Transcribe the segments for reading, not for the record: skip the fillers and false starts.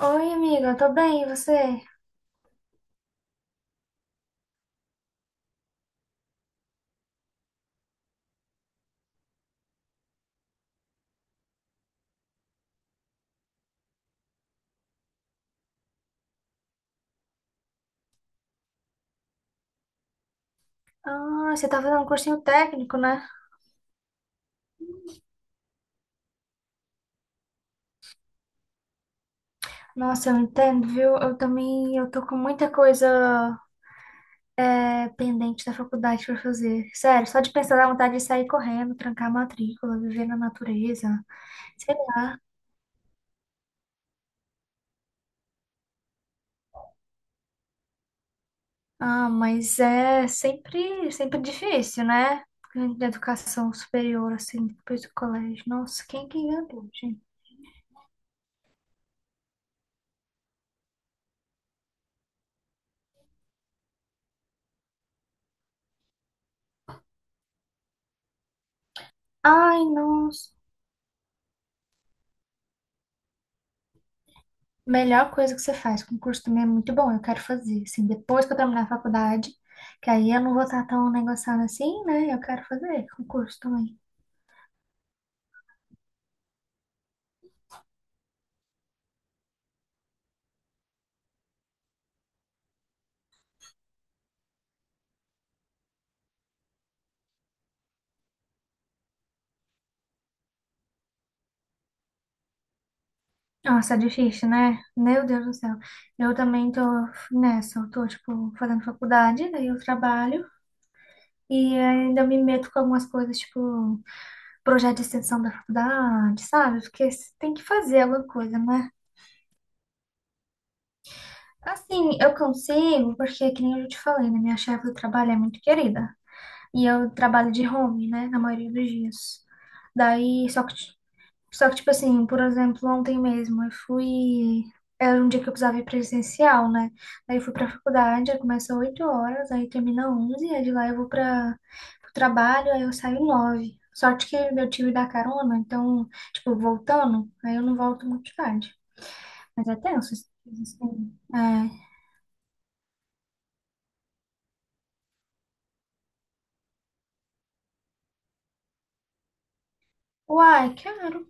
Oi, amiga, tô bem, e você? Ah, você tá fazendo um cursinho técnico, né? Nossa, eu entendo, viu? Eu também, eu tô com muita coisa pendente da faculdade pra fazer. Sério, só de pensar dá vontade de sair correndo, trancar a matrícula, viver na natureza. Sei lá. Ah, mas é sempre, sempre difícil, né? Da educação superior, assim, depois do colégio. Nossa, quem que inventou, gente? Ai, nossa. Melhor coisa que você faz, concurso também é muito bom, eu quero fazer, assim, depois que eu terminar a faculdade, que aí eu não vou estar tão negociando assim, né? Eu quero fazer concurso também. Nossa, é difícil, né? Meu Deus do céu. Eu também tô nessa, eu tô, tipo, fazendo faculdade, daí eu trabalho e ainda me meto com algumas coisas, tipo, projeto de extensão da faculdade, sabe? Porque você tem que fazer alguma coisa, né? Assim, eu consigo, porque, que nem eu já te falei, né? Minha chefe do trabalho é muito querida. E eu trabalho de home, né, na maioria dos dias. Daí, só que, tipo assim, por exemplo, ontem mesmo eu fui. Era um dia que eu precisava ir presencial, né? Daí eu fui pra faculdade, aí começa 8 horas, aí termina 11, aí de lá eu vou pro trabalho, aí eu saio 9. Sorte que eu tive da carona, então, tipo, voltando, aí eu não volto muito tarde. Mas é tenso, assim. É. Uai, quero.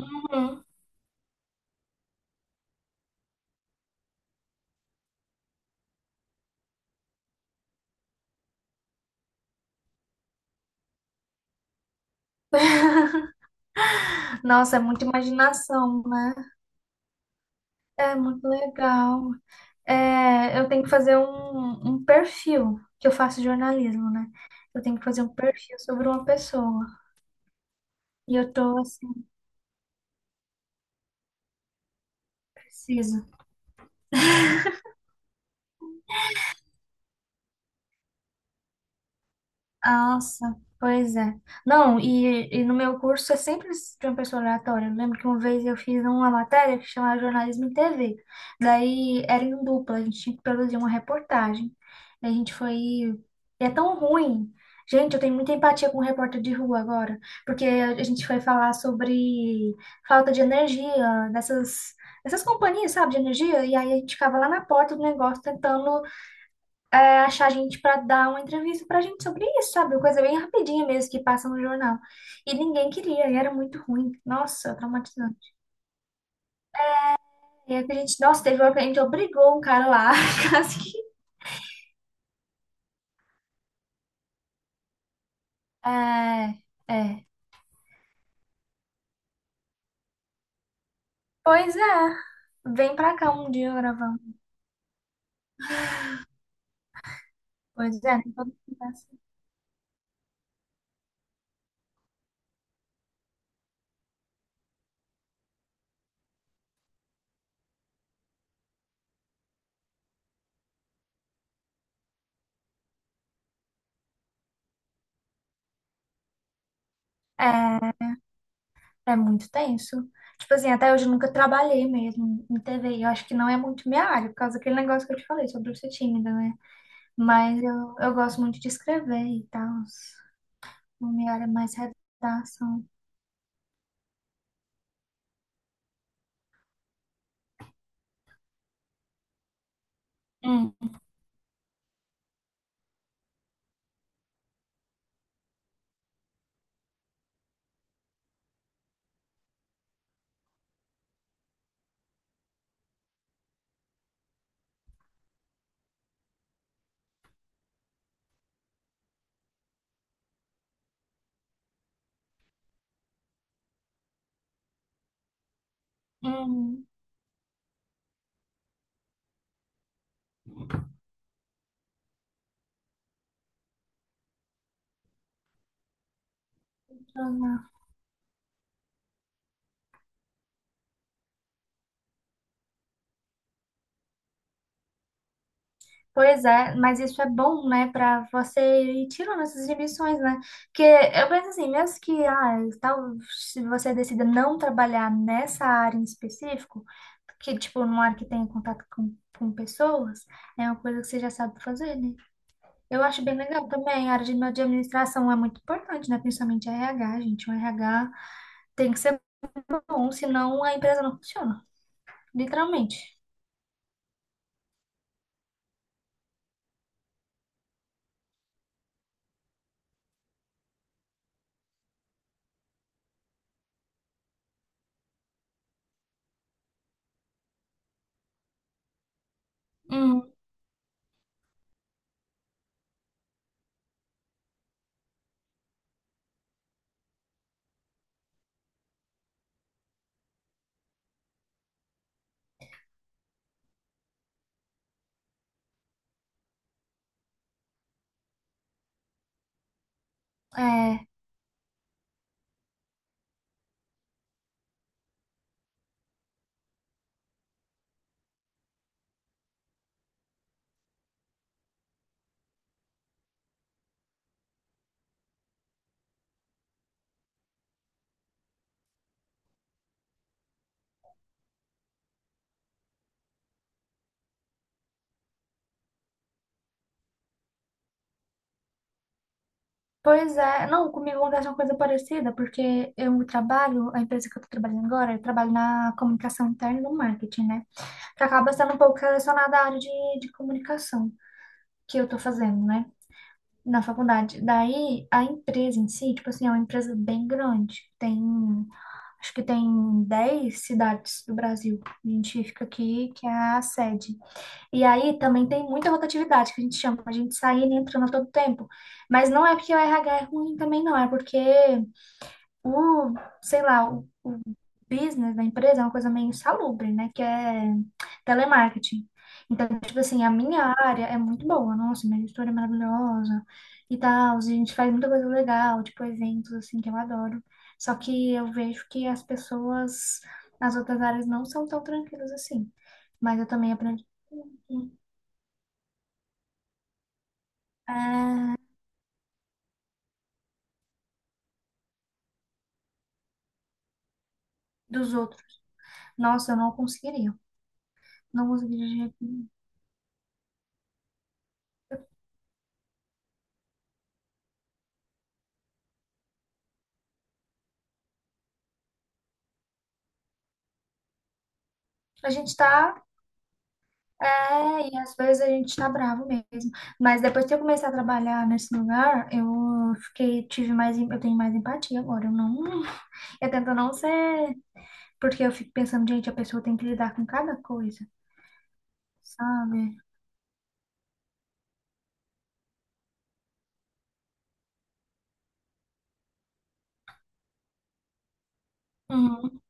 Uhum. Nossa, é muita imaginação, né? É muito legal. É, eu tenho que fazer um perfil, que eu faço jornalismo, né? Eu tenho que fazer um perfil sobre uma pessoa. E eu tô assim, preciso. Nossa, pois é. Não, e no meu curso eu sempre de uma pessoa aleatória. Eu lembro que uma vez eu fiz uma matéria que chamava Jornalismo em TV. Daí era em dupla, a gente tinha que produzir uma reportagem. E a gente foi. E é tão ruim. Gente, eu tenho muita empatia com o repórter de rua agora, porque a gente foi falar sobre falta de energia dessas companhias, sabe, de energia, e aí a gente ficava lá na porta do negócio tentando achar a gente para dar uma entrevista pra gente sobre isso, sabe? Uma coisa bem rapidinha mesmo que passa no jornal. E ninguém queria, e era muito ruim. Nossa, traumatizante. E aí que a gente, nossa, teve uma que a gente obrigou um cara lá, quase que. É, é. Pois é, vem pra cá um dia gravando. Pois é, tem todo mundo assim. É, é muito tenso. Tipo assim, até hoje eu nunca trabalhei mesmo em TV. Eu acho que não é muito minha área, por causa daquele negócio que eu te falei sobre eu ser tímida, né? Mas eu gosto muito de escrever e tal. A minha área é mais redação. Hum, uhum. Uhum. Pois é, mas isso é bom, né, para você ir tirando essas inibições, né? Porque eu penso assim, mesmo que ah, tal, se você decida não trabalhar nessa área em específico, que tipo, numa área que tenha contato com pessoas, é uma coisa que você já sabe fazer, né? Eu acho bem legal também, a área de administração é muito importante, né? Principalmente RH, gente. O RH tem que ser bom, senão a empresa não funciona, literalmente. É, pois é. Não, comigo acontece uma coisa parecida, porque eu trabalho, a empresa que eu tô trabalhando agora, eu trabalho na comunicação interna e no marketing, né? Que acaba sendo um pouco relacionada à área de comunicação que eu tô fazendo, né? Na faculdade. Daí, a empresa em si, tipo assim, é uma empresa bem grande. Tem, acho que tem 10 cidades do Brasil. A gente fica aqui, que é a sede. E aí também tem muita rotatividade que a gente chama, a gente saindo e entrando a todo tempo. Mas não é porque o RH é ruim também, não, é porque o, sei lá, o business da empresa é uma coisa meio insalubre, né? Que é telemarketing. Então, tipo assim, a minha área é muito boa, nossa, minha gestora é maravilhosa e tal. A gente faz muita coisa legal, tipo eventos assim que eu adoro. Só que eu vejo que as pessoas nas outras áreas não são tão tranquilas assim. Mas eu também aprendi. É, dos outros. Nossa, eu não conseguiria. Não conseguiria de jeito nenhum. A gente tá, e às vezes a gente tá bravo mesmo. Mas depois que eu comecei a trabalhar nesse lugar, eu fiquei, tive mais, eu tenho mais empatia agora. Eu não, eu tento não ser, porque eu fico pensando, gente, a pessoa tem que lidar com cada coisa, sabe? Uhum.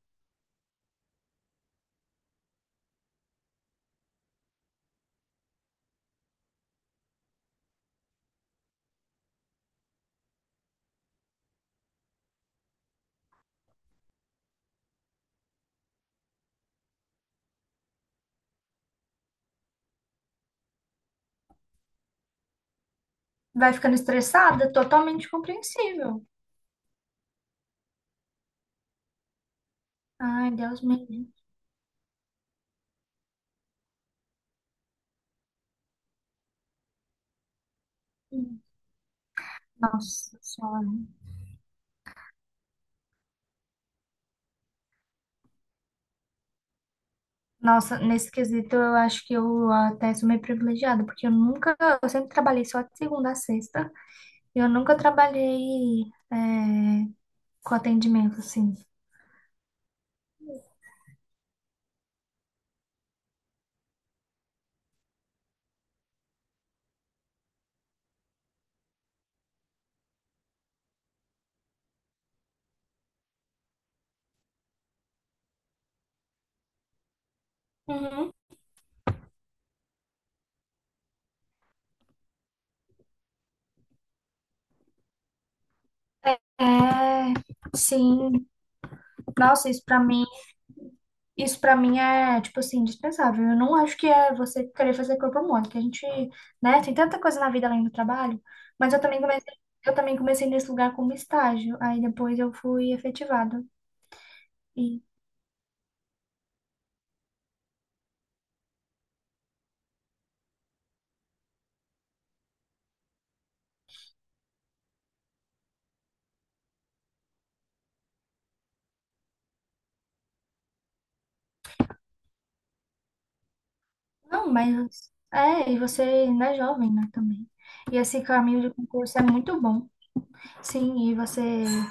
Vai ficando estressada, totalmente compreensível. Ai, Deus me livre. Nossa Senhora. Nossa, nesse quesito eu acho que eu até sou meio privilegiada, porque eu nunca, eu sempre trabalhei só de segunda a sexta, e eu nunca trabalhei é, com atendimento, assim. Uhum. É, sim, nossa, isso pra mim, isso para mim é, tipo assim, indispensável. Eu não acho que é você querer fazer corpo mole, que a gente, né, tem tanta coisa na vida além do trabalho, mas eu também comecei nesse lugar como estágio, aí depois eu fui efetivada. Não, mas é, e você ainda é jovem, né, também. E esse caminho de concurso é muito bom. Sim, e você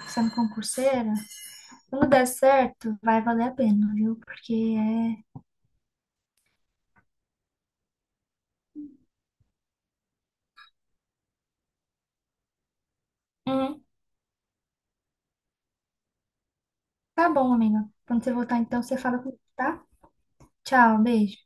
sendo concurseira, quando der certo, vai valer a pena, viu? Porque é. Uhum. Tá bom, amiga. Quando você voltar, então, você fala comigo, tá? Tchau, beijo.